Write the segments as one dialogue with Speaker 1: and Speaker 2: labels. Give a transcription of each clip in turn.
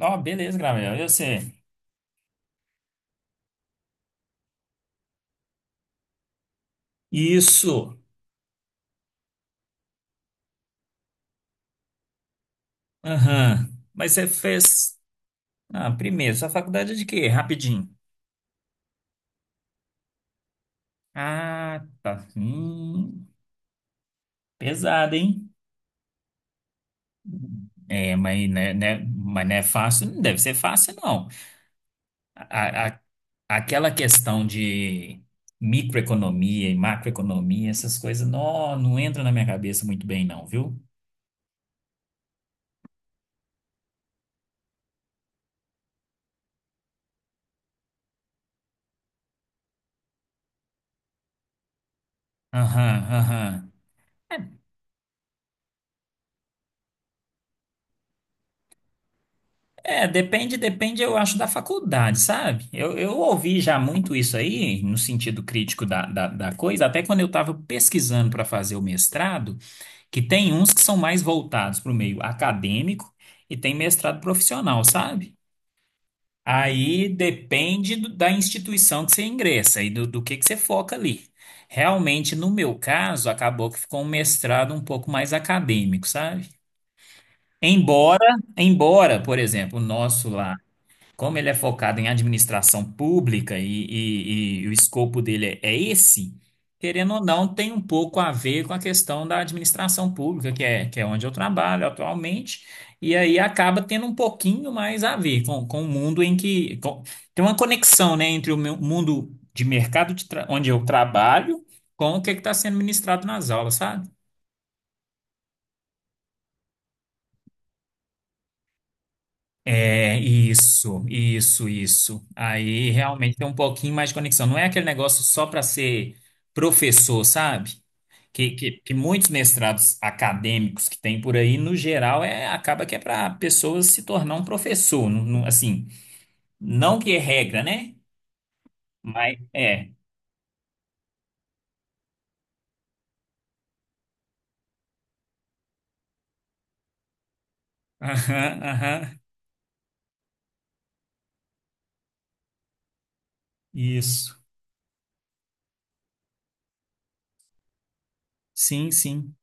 Speaker 1: Ó, beleza, Gabriel. Eu sei. Isso. Aham. Mas você fez. Ah, primeiro, sua faculdade é de quê? Rapidinho. Ah, tá. Pesado, hein? É, mas, né, mas não é fácil, não deve ser fácil, não. A, a- aquela questão de microeconomia e macroeconomia, essas coisas, não, não entra na minha cabeça muito bem, não, viu? Aham, aham. É, É, depende, depende, eu acho, da faculdade, sabe? Eu ouvi já muito isso aí, no sentido crítico da coisa, até quando eu estava pesquisando para fazer o mestrado, que tem uns que são mais voltados para o meio acadêmico e tem mestrado profissional, sabe? Aí depende da instituição que você ingressa e do que você foca ali. Realmente, no meu caso, acabou que ficou um mestrado um pouco mais acadêmico, sabe? Embora, embora, por exemplo, o nosso lá. Como ele é focado em administração pública e o escopo dele é, é esse, querendo ou não, tem um pouco a ver com a questão da administração pública, que é onde eu trabalho atualmente, e aí acaba tendo um pouquinho mais a ver com o mundo em que. Tem uma conexão, né, entre o meu mundo de mercado de onde eu trabalho com o que está sendo ministrado nas aulas, sabe? É, isso. Aí realmente tem um pouquinho mais de conexão. Não é aquele negócio só para ser professor, sabe? Que muitos mestrados acadêmicos que tem por aí, no geral, é, acaba que é para pessoas se tornar um professor. Assim, não que é regra, né? Mas é. Aham, aham. Isso. Sim, sim.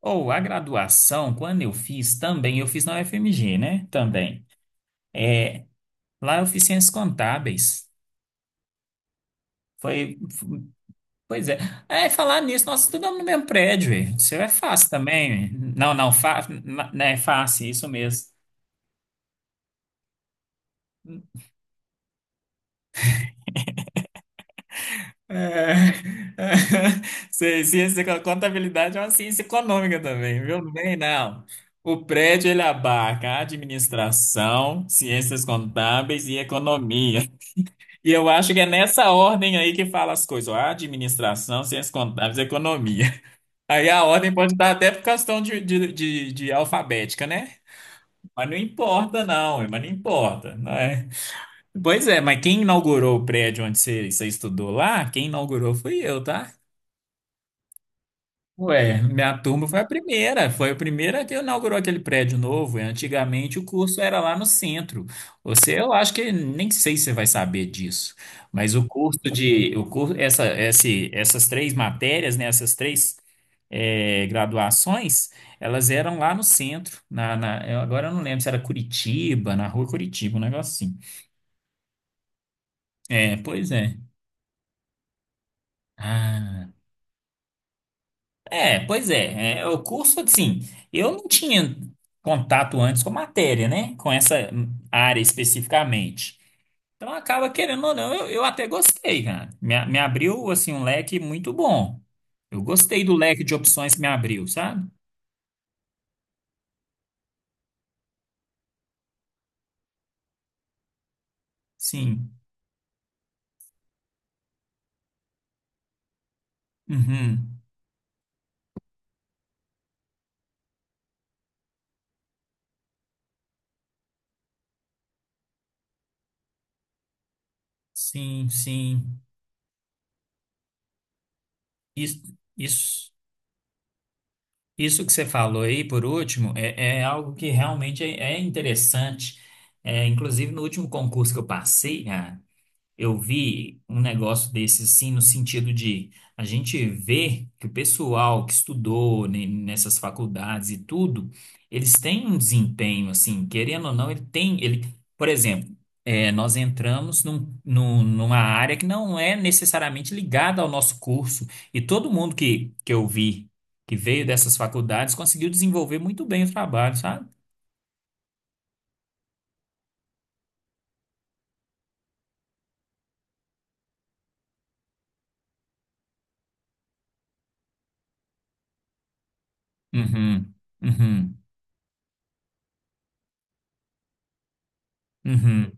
Speaker 1: Ou a graduação, quando eu fiz também, eu fiz na UFMG, né? Também. É, lá eu fiz ciências contábeis. Foi, pois é. É, falar nisso, nós estudamos no mesmo prédio, velho. O seu é fácil também, velho. Não, né, é fácil, isso mesmo. É, Ciência, da contabilidade é uma ciência econômica também, viu? Não vem, não. O prédio, ele abarca administração, ciências contábeis e economia. E eu acho que é nessa ordem aí que fala as coisas, ó, administração, ciências contábeis e economia. Aí a ordem pode estar até por questão de alfabética, né? Mas não importa, não é? Pois é, mas quem inaugurou o prédio onde você estudou lá, quem inaugurou fui eu, tá? Ué, minha turma foi a primeira que inaugurou aquele prédio novo. E antigamente o curso era lá no centro. Você, eu acho que nem sei se você vai saber disso, mas o curso de, o curso, essa, esse, essas três matérias, né, essas três graduações, elas eram lá no centro. Eu agora eu não lembro se era Curitiba, na rua Curitiba, um negócio assim. É, pois é. Ah. É, pois é, é, o curso, assim, eu não tinha contato antes com a matéria, né? Com essa área especificamente. Então acaba querendo ou não, eu até gostei, cara. Me abriu, assim, um leque muito bom. Eu gostei do leque de opções que me abriu, sabe? Sim. Uhum. Sim, sim. Isso, isso, isso que você falou aí, por último, é, é algo que realmente é, é interessante. É, inclusive, no último concurso que eu passei, eu vi um negócio desse assim, no sentido de a gente vê que o pessoal que estudou nessas faculdades e tudo, eles têm um desempenho, assim, querendo ou não, ele tem, ele, por exemplo, é, nós entramos numa área que não é necessariamente ligada ao nosso curso, e todo mundo que eu vi que veio dessas faculdades conseguiu desenvolver muito bem o trabalho, sabe? Uhum, uhum, uhum.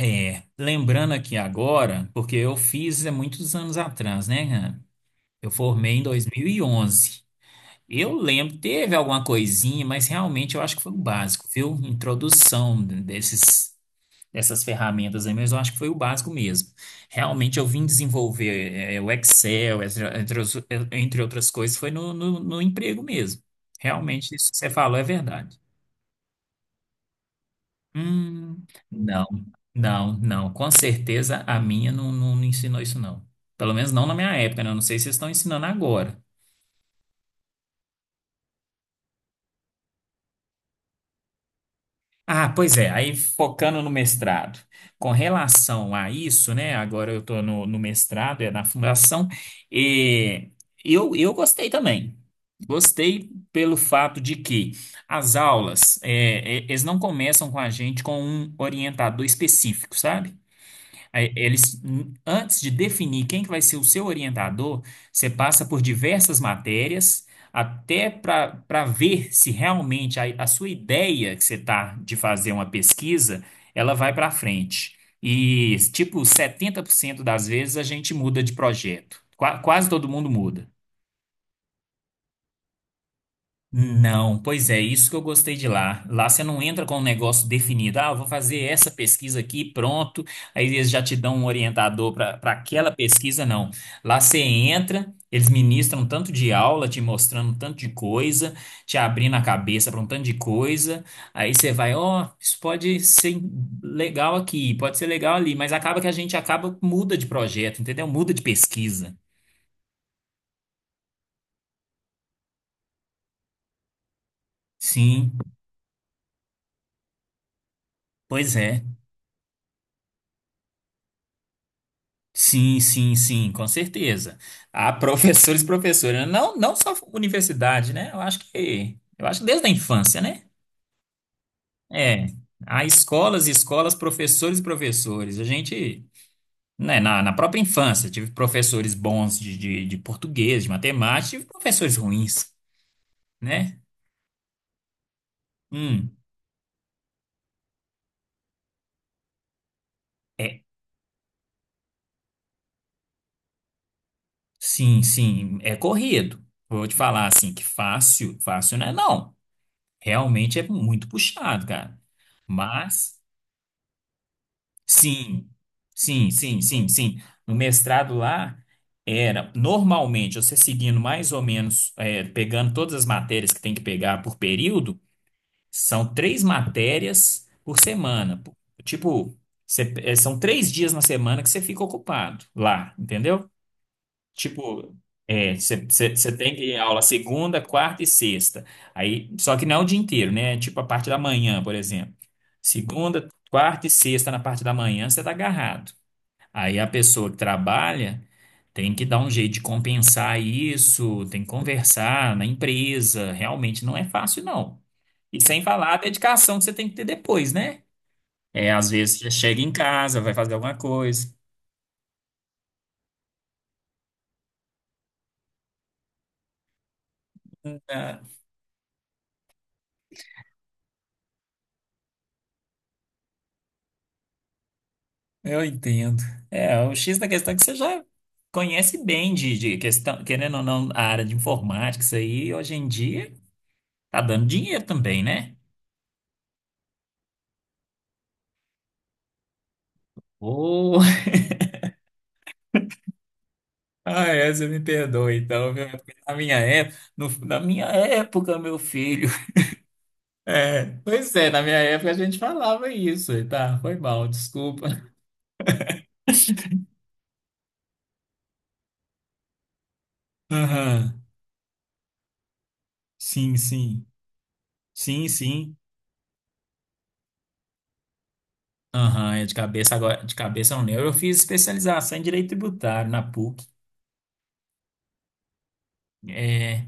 Speaker 1: É, lembrando aqui agora, porque eu fiz há muitos anos atrás, né, Hannah? Eu formei em 2011. Eu lembro, teve alguma coisinha, mas realmente eu acho que foi o básico, viu? Introdução dessas ferramentas aí, mas eu acho que foi o básico mesmo. Realmente eu vim desenvolver é, o Excel, entre outras coisas, foi no emprego mesmo. Realmente isso que você falou é verdade. Hum, não, não. Com certeza a minha não, não ensinou isso, não. Pelo menos não na minha época, né? Eu não sei se vocês estão ensinando agora. Ah, pois é, aí focando no mestrado. Com relação a isso, né? Agora eu estou no mestrado, é na fundação, e eu gostei também. Gostei pelo fato de que as aulas, é, é, eles não começam com a gente com um orientador específico, sabe? Aí, eles, antes de definir quem que vai ser o seu orientador, você passa por diversas matérias até para ver se realmente a sua ideia que você está de fazer uma pesquisa, ela vai para frente. E, tipo, 70% das vezes a gente muda de projeto. Quase todo mundo muda. Não, pois é, isso que eu gostei de lá. Lá você não entra com um negócio definido. Ah, eu vou fazer essa pesquisa aqui, pronto. Aí eles já te dão um orientador para aquela pesquisa, não. Lá você entra, eles ministram tanto de aula, te mostrando tanto de coisa, te abrindo a cabeça para um tanto de coisa. Aí você vai, ó, isso pode ser legal aqui, pode ser legal ali, mas acaba que a gente acaba muda de projeto, entendeu? Muda de pesquisa. Sim, pois é. Sim, com certeza. Há professores e professoras, não, não só universidade, né? Eu acho que desde a infância, né? É, há escolas e escolas, professores e professores. A gente, né, na própria infância, tive professores bons de português, de matemática, tive professores ruins, né? Hum, é, sim, sim, é corrido. Vou te falar assim, que fácil, fácil não é não. Realmente é muito puxado, cara. Mas sim, sim, sim, sim, sim. No mestrado lá, era normalmente você seguindo mais ou menos, é, pegando todas as matérias que tem que pegar por período, são três matérias por semana. Tipo, é, são três dias na semana que você fica ocupado lá, entendeu? Tipo, é, você tem que ir aula segunda, quarta e sexta. Aí, só que não é o dia inteiro, né? É tipo a parte da manhã, por exemplo. Segunda, quarta e sexta na parte da manhã, você tá agarrado. Aí a pessoa que trabalha tem que dar um jeito de compensar isso, tem que conversar na empresa. Realmente não é fácil, não. E sem falar a dedicação que você tem que ter depois, né? É, às vezes você chega em casa, vai fazer alguma coisa. Eu entendo. É, o X da questão é que você já conhece bem de questão, querendo ou não, a área de informática, isso aí hoje em dia tá dando dinheiro também, né? Oh. Ah, é, você me perdoa, então, viu? Porque Na minha época, no- na minha época, meu filho. É, pois é, na minha época a gente falava isso, e tá? Foi mal, desculpa. Aham, sim, sim. Sim, sim. Aham, é de cabeça agora, de cabeça eu não lembro. Eu fiz especialização em direito tributário na PUC. É,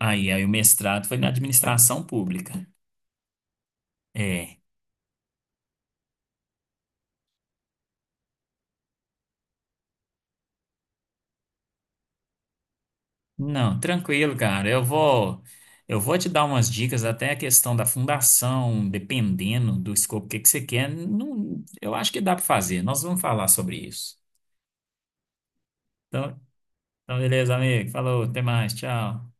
Speaker 1: aí o mestrado foi na administração pública. É. Não, tranquilo, cara. Eu vou te dar umas dicas até a questão da fundação, dependendo do escopo que você quer. Não, eu acho que dá para fazer. Nós vamos falar sobre isso. Então, então beleza, amigo. Falou, até mais, tchau.